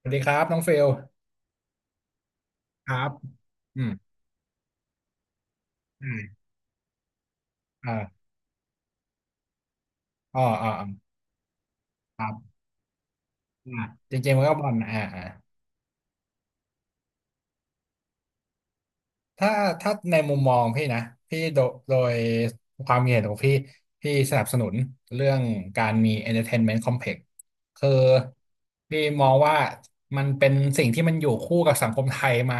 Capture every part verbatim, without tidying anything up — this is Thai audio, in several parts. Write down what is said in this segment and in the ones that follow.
สวัสดีครับน้องเฟลครับอืมอ่าอ่าอ๋ออ๋ออ๋อครับอ่าเจริงมันก็บอลอ่าอ่า ถ้าถ้าในมุมมองพี่นะพี่โดโดยความเห็นของพี่พี่สนับสนุนเรื่องการมี entertainment complex คือพี่มองว่ามันเป็นสิ่งที่มันอยู่คู่กับสังคมไทยมา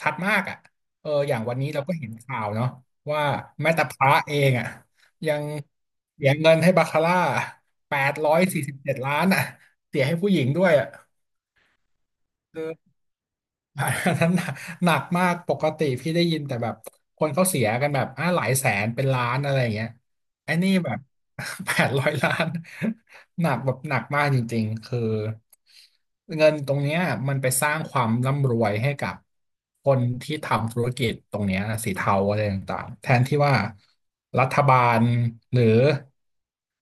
ชัดมากอ่ะเอออย่างวันนี้เราก็เห็นข่าวเนาะว่าแม้แต่พระเองอ่ะยังเสียเงินให้บาคาร่าแปดร้อยสี่สิบเจ็ดล้านอ่ะเสียให้ผู้หญิงด้วยอ่ะ อันนั้นหนักหนักมากปกติพี่ได้ยินแต่แบบคนเขาเสียกันแบบอ่าหลายแสนเป็นล้านอะไรอย่างเงี้ยไอ้นี่แบบ แปดร้อยล้าน หนักแบบหนักมากจริงๆคือเงินตรงเนี้ยมันไปสร้างความร่ำรวยให้กับคนที่ทำธุรกิจตรงเนี้ยสีเทาอะไรต่างๆแทนที่ว่ารัฐบาลหรือ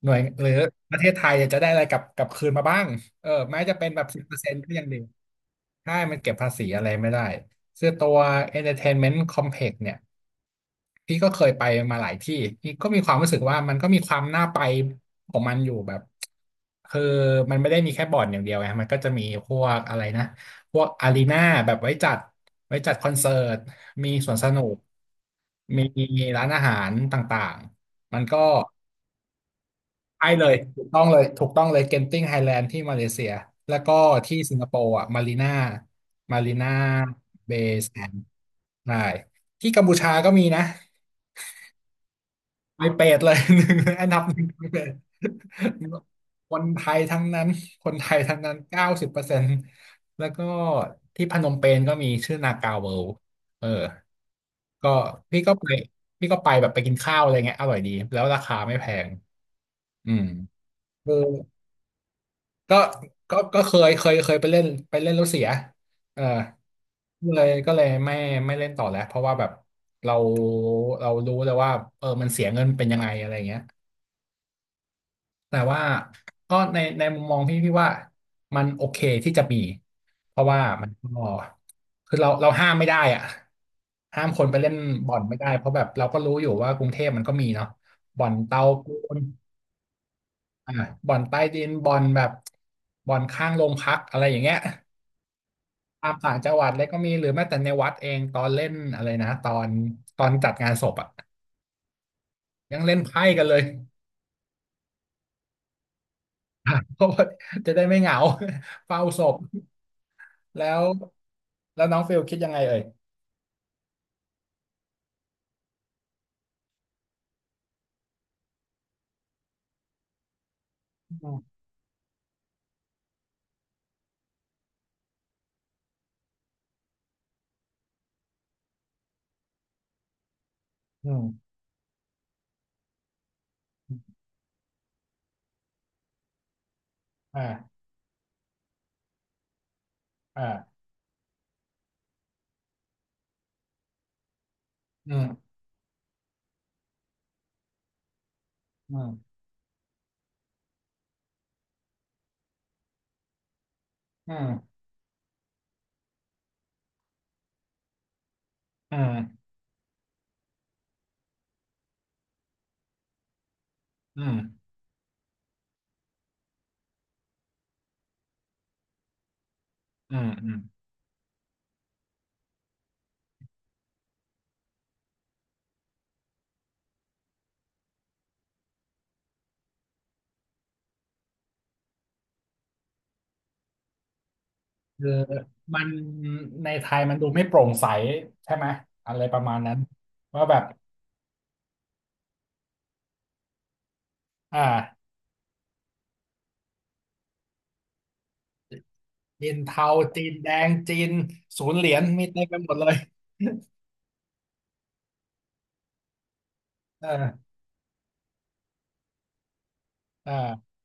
หน่วยหรือประเทศไทยจะได้อะไรกลับกลับคืนมาบ้างเออแม้จะเป็นแบบสิบเปอร์เซ็นต์ก็ยังดี ใช่มันเก็บภาษีอะไรไม่ได้คือตัว Entertainment Complex เนี่ยพี่ก็เคยไปมาหลายที่พี่ก็มีความรู้สึกว่ามันก็มีความน่าไปของมันอยู่แบบ คือมันไม่ได้มีแค่บ่อนอย่างเดียวไงมันก็จะมีพวกอะไรนะ พวกอารีนาแบบไว้จัดไว้จัดคอนเสิร์ต มีสวนสนุก มีร้านอาหารต่างๆ มันก็ ใช่เลยถูกต้องเลยถูกต้องเลยเกนติ้งไฮแลนด์ที่มาเลเซียแล้วก็ที่สิงคโปร์อ่ะมารีน่ามารีน่าเบย์แซนด์ใช่ที่กัมพูชาก็มีนะไปเป็ดเลย หนึ่งอันดับหนึ่งไปเป็ดคนไทยทั้งนั้นคนไทยทั้งนั้นเก้าสิบเปอร์เซ็นต์แล้วก็ที่พนมเปญก็มีชื่อนาคาเวิลด์เออก็พี่ก็ไปพี่ก็ไปแบบไปกินข้าวอะไรเงี้ยอร่อยดีแล้วราคาไม่แพงอืม ก็ก็ก็เคยเคยเคยไปเล่นไปเล่นแล้วเสียเออก็เลยก็เลยไม่ไม่เล่นต่อแล้วเพราะว่าแบบเราเรารู้แล้วว่าเออมันเสียเงินเป็นยังไงอะไรเงี้ยแต่ว่าก็ในในมุมมองพี่พี่ว่ามันโอเคที่จะมีเพราะว่ามันก็คือเราเราห้ามไม่ได้อ่ะห้ามคนไปเล่นบ่อนไม่ได้เพราะแบบเราก็รู้อยู่ว่ากรุงเทพมันก็มีเนาะบ่อนเตาปูนอ่าบ่อนใต้ดินบ่อนแบบบ่อนข้างโรงพักอะไรอย่างเงี้ย ตามต่างจังหวัดเลยก็มีหรือแม้แต่ในวัดเองตอนเล่นอะไรนะตอนตอนจัดงานศพอ่ะยังเล่นไพ่กันเลย เพราะว่าจะได้ไม่เหงา เฝ้าศพแล้วแล้วน้องฟิลคิดยังไงเอ่ยอืมอืมอ่าอ่าอืมอืมอืมอืมอืมอืมอืมคือมันในไทยมันดูไม่โปร่งใสใช่ไหมอะไรประมาณนั้นว่าแบบอ่าจีนเทาจีนแดงจีนศูนย์เหรียญมีเต็มไปหมดเลยเออเออ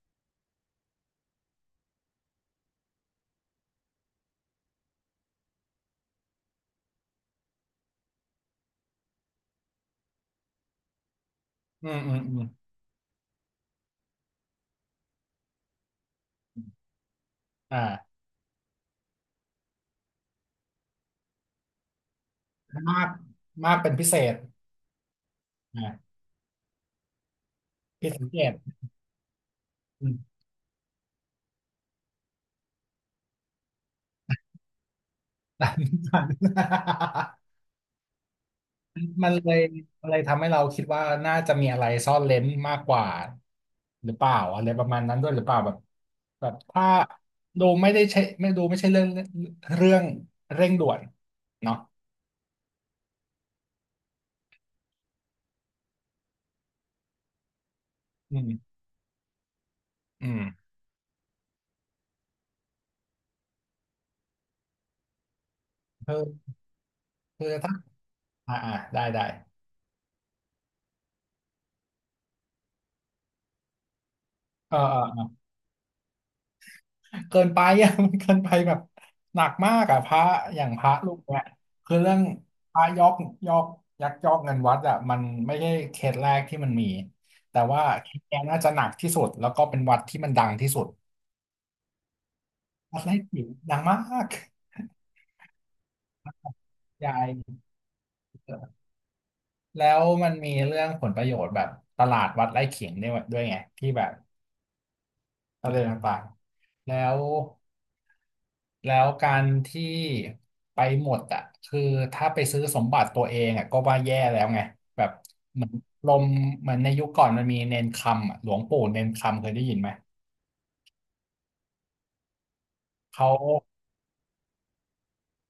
อืมอืมอืมอ่ามากมากเป็นพิเศษอ่าผิดสังเกต อืมตามนิทาน มันเลยมันเลยทำให้เราคิดว่าน่าจะมีอะไรซ่อนเร้นมากกว่าหรือเปล่าอะไรประมาณนั้นด้วยหรือเปล่าแบบแบบถ้าดูไม่ได้ใช่ไม่ดูไม่ใช่เรื่องเรื่องเร่งด่วนเนาะอืมอืมเออคือถ้าอ่าอ่าได้ได้เออเออ เกินไปอ่ะ มันเกินไปแบบหนักมากอ่ะพระอย่างพระลูกเนี่ยคือเรื่องพระยอกยอกยักยอกเงินวัดอ่ะมันไม่ใช่เคสแรกที่มันมีแต่ว่าเคสเนี้ยน่าจะหนักที่สุดแล้วก็เป็นวัดที่มันดังที่สุดวัดไร่ขิงดังมากใหา่แล้วมันมีเรื่องผลประโยชน์แบบตลาดวัดไร่ขิงด้วยด้วยไงที่แบบประเดนต่างๆแล้ว แล้วการที่ไปหมดอ่ะคือถ้าไปซื้อสมบัติตัวเองอ่ะก็ว่าแย่แล้วไงแบบเหมือนลมเหมือนในยุคก่อนมันมีเนนคำอะหลวงปู่เนนคำเคยได้ยินไหมเขา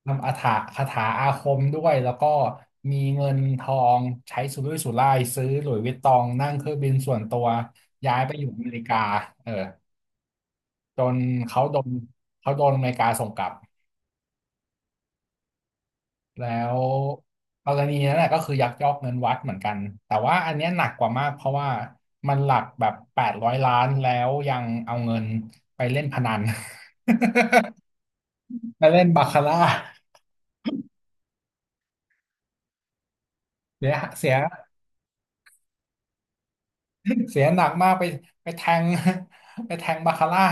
ทำอาถรรพ์คาถาอาคมด้วยแล้วก็มีเงินทองใช้สุรุ่ยสุร่ายซื้อหลุยส์วิตตองนั่งเครื่องบินส่วนตัวย้ายไปอยู่อเมริกาเออจนเขาโดนเขาโดนอเมริกาส่งกลับ แล้วกรณีนั้นแหละก็คือยักยอกเงินวัดเหมือนกันแต่ว่าอันเนี้ยหนักกว่ามากเพราะว่ามันหลักแบบแปดร้อยล้านแล้วยังเอาเงินไปเล่นพนัน ไปเล่นบาคาร่าเสียเสียเสียหนักมากไปไปแทงไปแทงบาคาร่า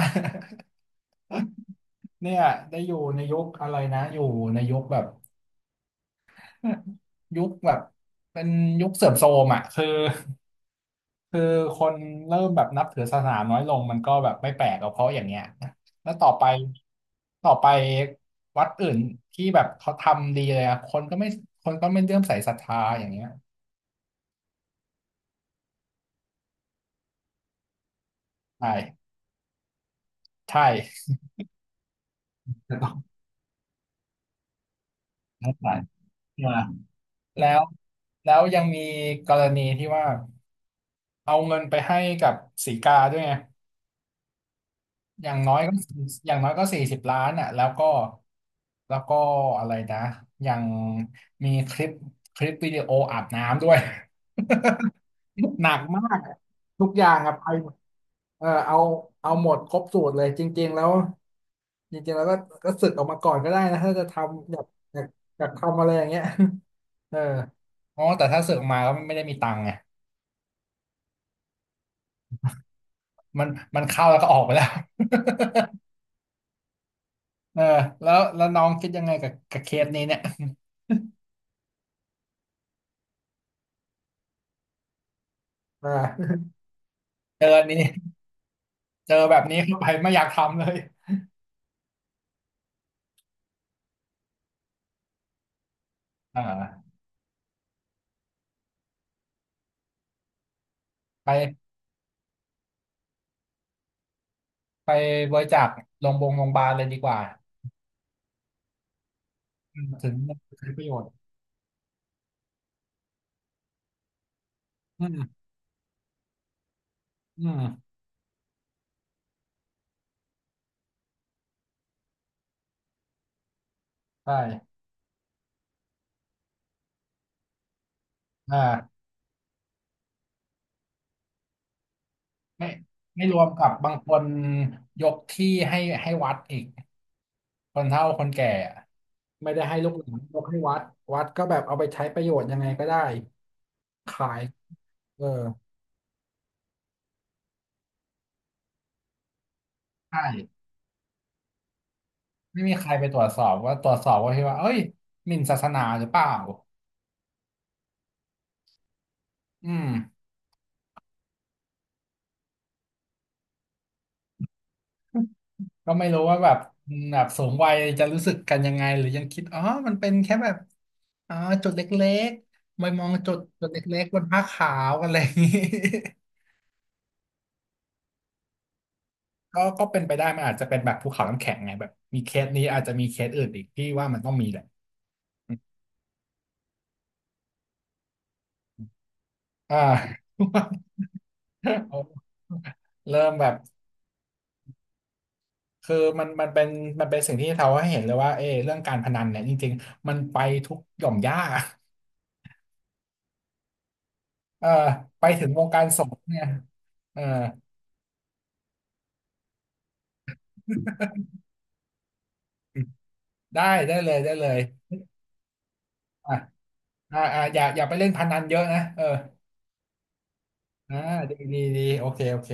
เนี่ยได้อยู่ในยุคอะไรนะอยู่ในยุคแบบ ยุคแบบเป็นยุคเสื่อมโทรมอ่ะคือ คือคนเริ่มแบบนับถือศาสนาน้อยลงมันก็แบบไม่แปลกหรอกเพราะอย่างเงี้ยนะแล้วต่อไปต่อไปวัดอื่นที่แบบเขาทำดีเลยอะคนก็ไม่คนก็ไม่เลื่อมใสศรัทธาอย่างเงี้ยใช่ใช่ จะต้องนัแลมาแล้วแล้วยังมีกรณีที่ว่าเอาเงินไปให้กับสีกาด้วยไง อย่างน้อยก็อย่างน้อยก็สี่สิบล้านอ่ะแล้วก็แล้วก็อะไรนะยังมีคลิปคลิปวิดีโออาบน้ำด้วย หนักมากทุกอย่างอะไปหมดเออเอาเอาหมดครบสูตรเลยจริงๆแล้วจริงๆแล้วก็ก็สึกออกมาก่อนก็ได้นะถ้าจะทำอยากอยากอยากทำอะไรอย่างเงี้ย เอออ๋อแต่ถ้าสึกออกมาก็ไม่ได้มีตังค์ไงมันมันเข้าแล้วก็ออกไปแล้ว เออแล้วแล้วน้องคิดยังไงกับกับเคสนี้เนี่ย อ่าเจออันนี้เจอแบบนี้เข้าไปไม่อยากทำเลยอ่าไปไปบริจาคโรงพยาบาลโรงพยาบาลเลยดีกว่าอืมถึงถึงประโยชน์อืมอืมใช่อ่าไม่ไม่รวมกับบางคนยกที่ให้ให้วัดอีกคนเฒ่าคนแก่อะไม่ได้ให้ลูกหลานยกให้วัดวัดก็แบบเอาไปใช้ประโยชน์ยังไงก็ได้ขายเออใช่ไม่มีใครไปตรวจสอบว่าตรวจสอบว่าที่ว่าเอ้ยหมิ่นศาสนาหรือเปล่าอืม ก็ไม่รู้ว่าแบบมแบบสูงวัยจะรู้สึกกันยังไงหรือยังคิดอ๋อมันเป็นแค่แบบอ๋อจุดเล็กๆไม่มองจุดจุดเล็กๆบนผ้าขาวอะไรอย่างนี้ ก็ก็เป็นไปได้มันอาจจะเป็นแบบภูเขาน้ำแข็งไงแบบมีเคสนี้อาจจะมีเคสอื่นอีกที่ว่ามันต้องมีแหละอ่า เริ่มแบบคือมันมันเป็นมันเป็นสิ่งที่เราให้เห็นเลยว่าเออเรื่องการพนันเนี่ยจริงๆมันไปทุกหย่อมหญ้า เออไปถึงวงการสงฆ์เนี่ยเออ ได้ได้เลยได้เลยอ่ะอ่าอ่าอย่าอย่าไปเล่นพนันเยอะนะเอออ่าดีดีดีโอเคโอเค